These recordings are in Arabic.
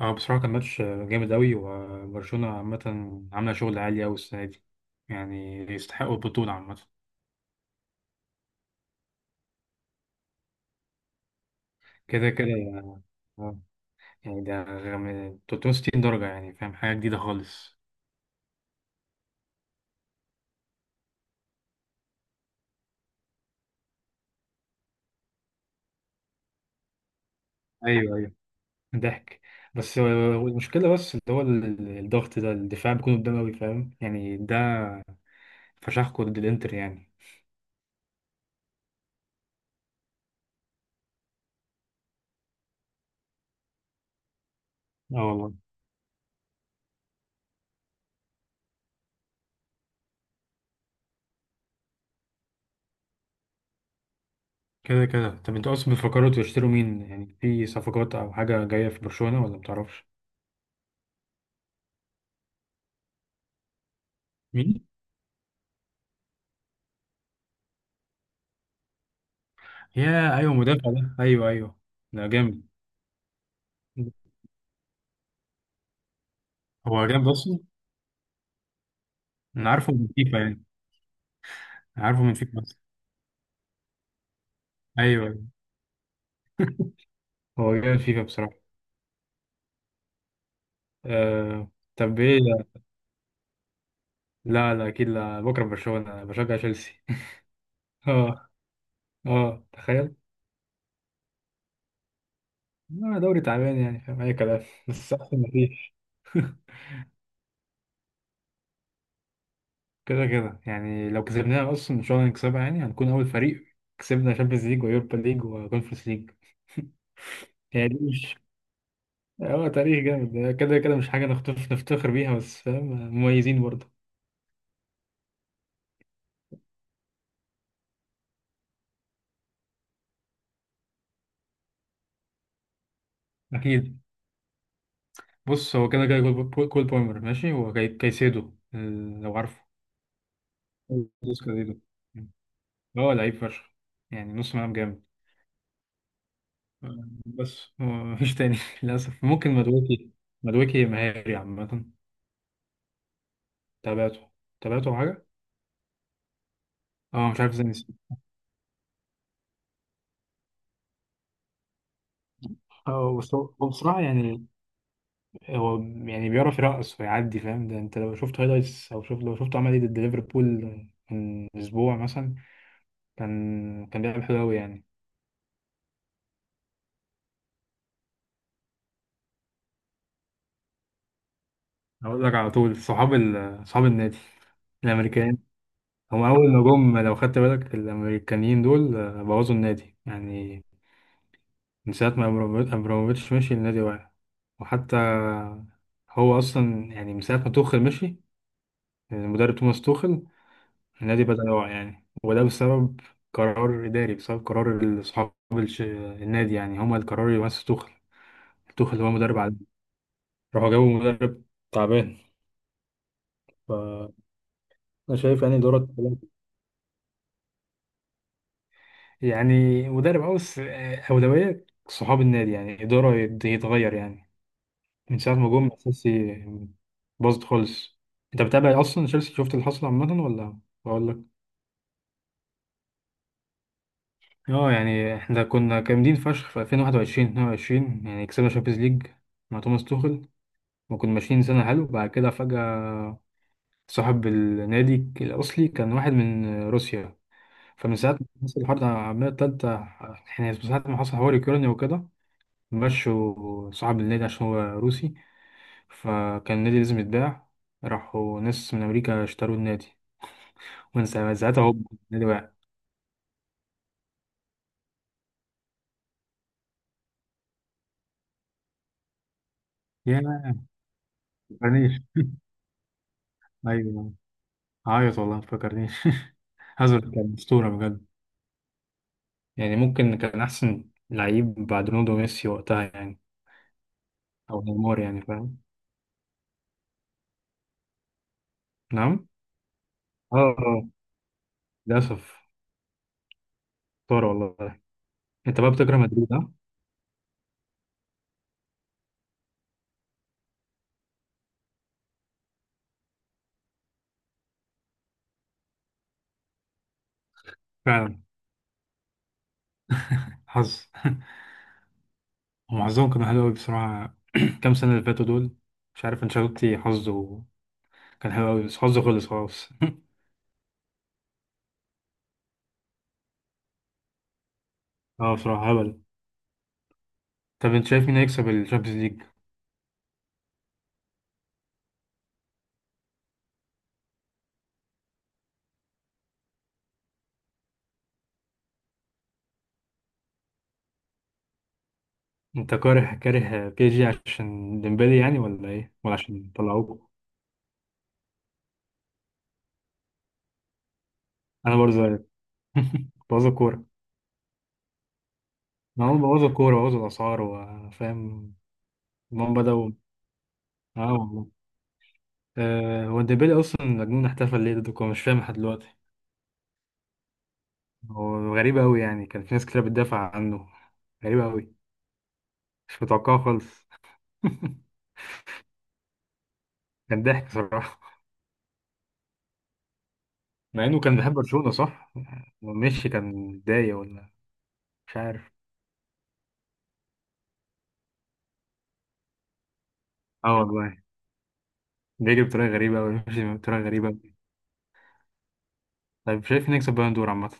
اه بصراحة كان ماتش جامد أوي، وبرشلونة عامة عاملة شغل عالي أوي السنة دي. يعني يستحقوا البطولة عامة. كده كده يعني. آه، يعني ده 360 درجة، يعني فاهم، حاجة جديدة خالص. ايوه ايوه. ضحك. بس هو المشكلة، بس اللي هو الضغط ده، الدفاع بيكون قدام أوي، فاهم يعني؟ ده فشخكوا ضد الإنتر يعني. اه والله. كده كده. طب انتوا أصلا بتفكروا تشتروا مين؟ يعني في صفقات أو حاجة جاية في برشلونة ولا متعرفش؟ مين؟ يا ايوه، مدافع ده، ايوه ايوه. ده جامد. هو جامد اصلا. انا عارفه من فيفا يعني. عارفه من فيفا بس. ايوه، أيوة. هو جامد فيفا بصراحه. آه... طب ايه ده؟ لا لا اكيد، لا، بكره برشلونه، انا بشجع تشيلسي. اه. اه تخيل. لا دوري تعبان، يعني فاهم اي كلام، بس احسن ما فيش. كده كده يعني، لو كسبناها اصلا ان شاء الله نكسبها، يعني هنكون اول فريق كسبنا شامبيونز ليج ويوروبا ليج وكونفرنس ليج. هي دي مش. هو تاريخ جامد كده كده، مش حاجة نفتخر بيها، بس فاهم، مميزين برضه. اكيد. بص، هو كده كده كول بومر ماشي، هو كايسيدو لو عارفه. جوز كايسيدو، هو لعيب فشخ، يعني نص ملعب جامد. بس هو مفيش تاني للاسف، ممكن مدويكي. مدويكي مهاري عامه. تابعته. تابعته أو حاجه. اه مش عارف ازاي نسيت. اه بس هو بصراحه يعني، هو، يعني بيعرف يرقص ويعدي، فاهم؟ ده انت لو شفت هايلايتس، او شفت لو شفته عمل ايه ضد ليفربول من اسبوع مثلا. كان بيلعب حلو قوي يعني. اقول لك على طول، صحاب النادي، الامريكان. هم اول ما جم، لو خدت بالك، الامريكانيين دول آه، بوظوا النادي يعني. من ساعه ما ابراموفيتش مشي، النادي واقع. وحتى هو اصلا يعني من ساعه ما توخل مشي، المدرب توماس توخل، النادي بدأ يقع يعني. وده بسبب قرار إداري، بسبب قرار النادي، يعني هما القرار اللي مسك توخل. توخل هو مدرب عادي. راحوا جابوا مدرب تعبان. فأنا شايف يعني إدارة، يعني مدرب أو بس، أولوية صحاب النادي يعني إدارة يتغير يعني. من ساعة ما جم أساسي، باظت خالص. أنت بتابع أصلا تشيلسي، شفت اللي حصل عامة ولا أقول لك؟ اه يعني احنا كنا جامدين فشخ في 2021 22، يعني كسبنا شامبيونز ليج مع توماس توخل. وكنا ماشيين سنة حلو، بعد كده فجأة، صاحب النادي الأصلي كان واحد من روسيا. فمن ساعة ما حصل الحرب العالمية التالتة، احنا من ساعة ما حصل حوار يوكرانيا وكده، مشوا صاحب النادي عشان هو روسي. فكان النادي لازم يتباع. راحوا ناس من أمريكا اشتروا النادي. ومن ساعتها هو النادي وقع. يا ما، تفكرنيش. أيوة. عيط والله ما تفكرنيش هازارد كان أسطورة بجد. يعني ممكن كان أحسن لعيب بعد رونالدو وميسي وقتها يعني. أو نيمار، يعني فاهم. نعم. اه آه، للأسف. طار والله. أنت بقى بتكره مدريد، ها؟ فعلا. حظ هم حظهم كان حلو أوي بصراحة كام سنة اللي فاتوا دول. مش عارف أنشيلوتي، حظه كان حلو أوي بس حظه خلص خلاص. اه بصراحة هبل. طب أنت شايف مين هيكسب الشامبيونز ليج؟ أنت كاره كاره بي جي عشان ديمبلي يعني، ولا إيه؟ ولا عشان طلعوكوا؟ أنا برضه زيك بوظوا الكورة. ما هم بوظوا الكورة، بوظوا الأسعار، وفاهم. هم بدأوا. اه والله. آه، هو ديمبلي أصلا مجنون، احتفل ليه ضدكم؟ مش فاهم لحد دلوقتي. هو غريب أوي يعني، كان في ناس كتير بتدافع عنه. غريب أوي. مش متوقعه خالص كان ضحك صراحة. مع إنه كان بيحب برشلونة صح؟ مشي كان متضايق ولا؟ مش عارف. اه والله. بيجري بطريقة غريبة أوي، ماشي بطريقة غريبة أوي. طيب، شايف نكسب بالون دور عامة.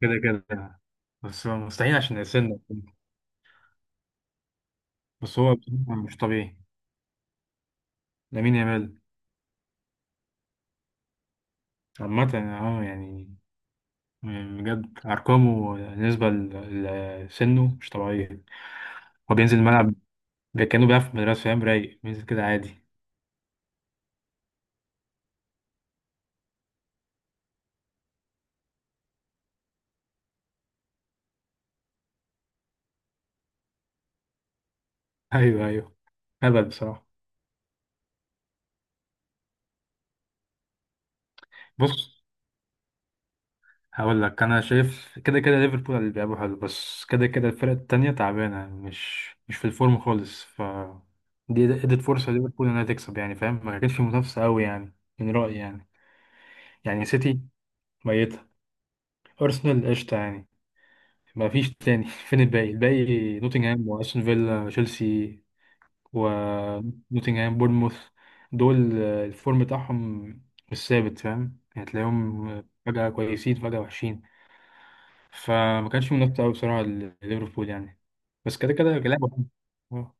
كده كده، بس هو مستحيل عشان السن. بس هو بصراحة مش طبيعي. لامين يامال. عامة اه يعني، بجد أرقامه بالنسبة لسنه مش طبيعية. هو بينزل الملعب، ده كانوا بقى في المدرسة فاهم، رايق بينزل كده عادي. أيوه أيوه، هبل بصراحة. بص، هقول لك، أنا شايف كده كده ليفربول اللي بيلعبوا حلو، بس كده كده الفرق التانية تعبانة، مش في الفورم خالص. ف دي ادت فرصة ليفربول إنها تكسب، يعني فاهم، ما كانش في منافسة أوي يعني، من رأيي يعني. يعني سيتي ميتة. أرسنال قشطة يعني. ما فيش تاني فين الباقي؟ الباقي نوتنغهام وأستون فيلا تشيلسي ونوتنغهام بورنموث. دول آه، الفورم بتاعهم مش ثابت، فاهم يعني؟ تلاقيهم فجأة كويسين فجأة وحشين. فما كانش منافسة أوي بصراحة لليفربول يعني. بس كده كده لعبة حلوة. آه.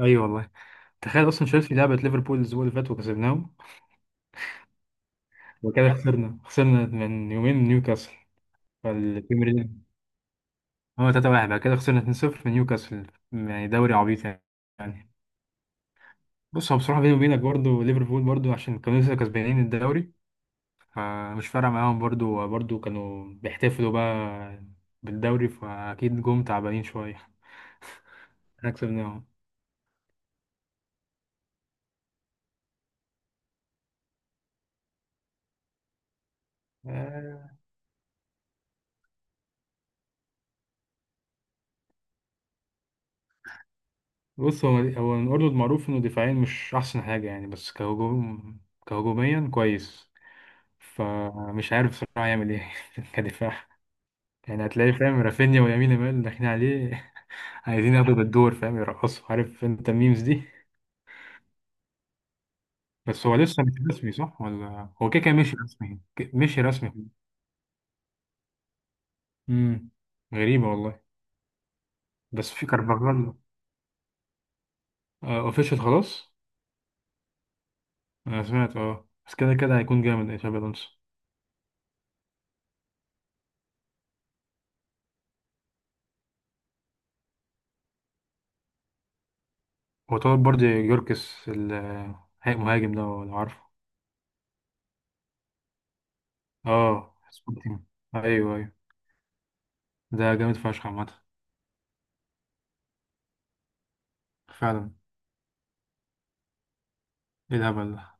أيوة والله. تخيل أصلا تشيلسي لعبت ليفربول الأسبوع اللي فات وكسبناهم وكده، خسرنا من يومين من نيوكاسل. فالبريمير ليج. هو 3-1. بعد كده خسرنا 2-0 من نيوكاسل. يعني دوري عبيط يعني يعني. بص، هو بصراحة بيني وبينك، برضه ليفربول برضه عشان كانوا لسه كسبانين الدوري، فمش فارقة معاهم، برضو كانوا بيحتفلوا بقى بالدوري، فأكيد جم تعبانين شوية. احنا كسبناهم. آه، بص، هو الأردن معروف إنه دفاعيا مش أحسن حاجة يعني، بس كهجوم، كهجوميا كويس. فمش عارف بصراحة يعمل إيه كدفاع. يعني هتلاقي فاهم رافينيا ويمين يامال داخلين عليه عايزين ياخدوا بالدور فاهم يرقصوا، عارف أنت الميمز دي. بس هو لسه مش رسمي صح؟ ولا هو كده كده مشي رسمي، مشي رسمي. امم، غريبة والله. بس في كارفاغال، اوفيشال خلاص. انا سمعت اه، بس كده كده هيكون جامد إيه، شابي الونسو. هو طلب برضه يوركس المهاجم ده، لو عارفه. اه سبورتينج. ايوه ايوه. ده جامد فشخ عامة. فعلا، ايه الهبل ده.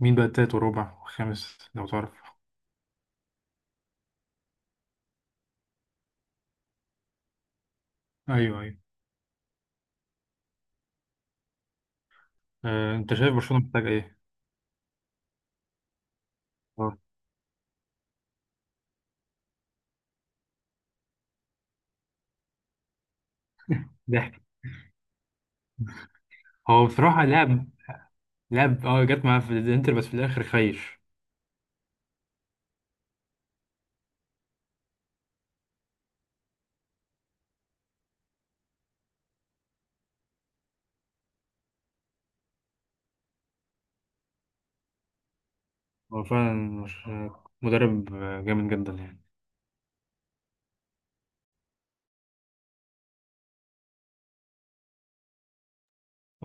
مين بقى التالت وربع وخامس لو تعرف؟ ايوه ايوه. آه، انت شايف برشلونة محتاج ايه؟ اه ضحك. هو بصراحة لعب اه جت معاه في الانتر بس في الاخر خيش. هو فعلا، مش آه، مدرب آه، جامد جدا يعني.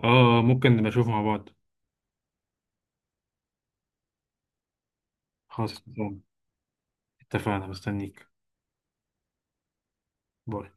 اه ممكن نبقى نشوفه مع بعض. خلاص اتفقنا، مستنيك. باي.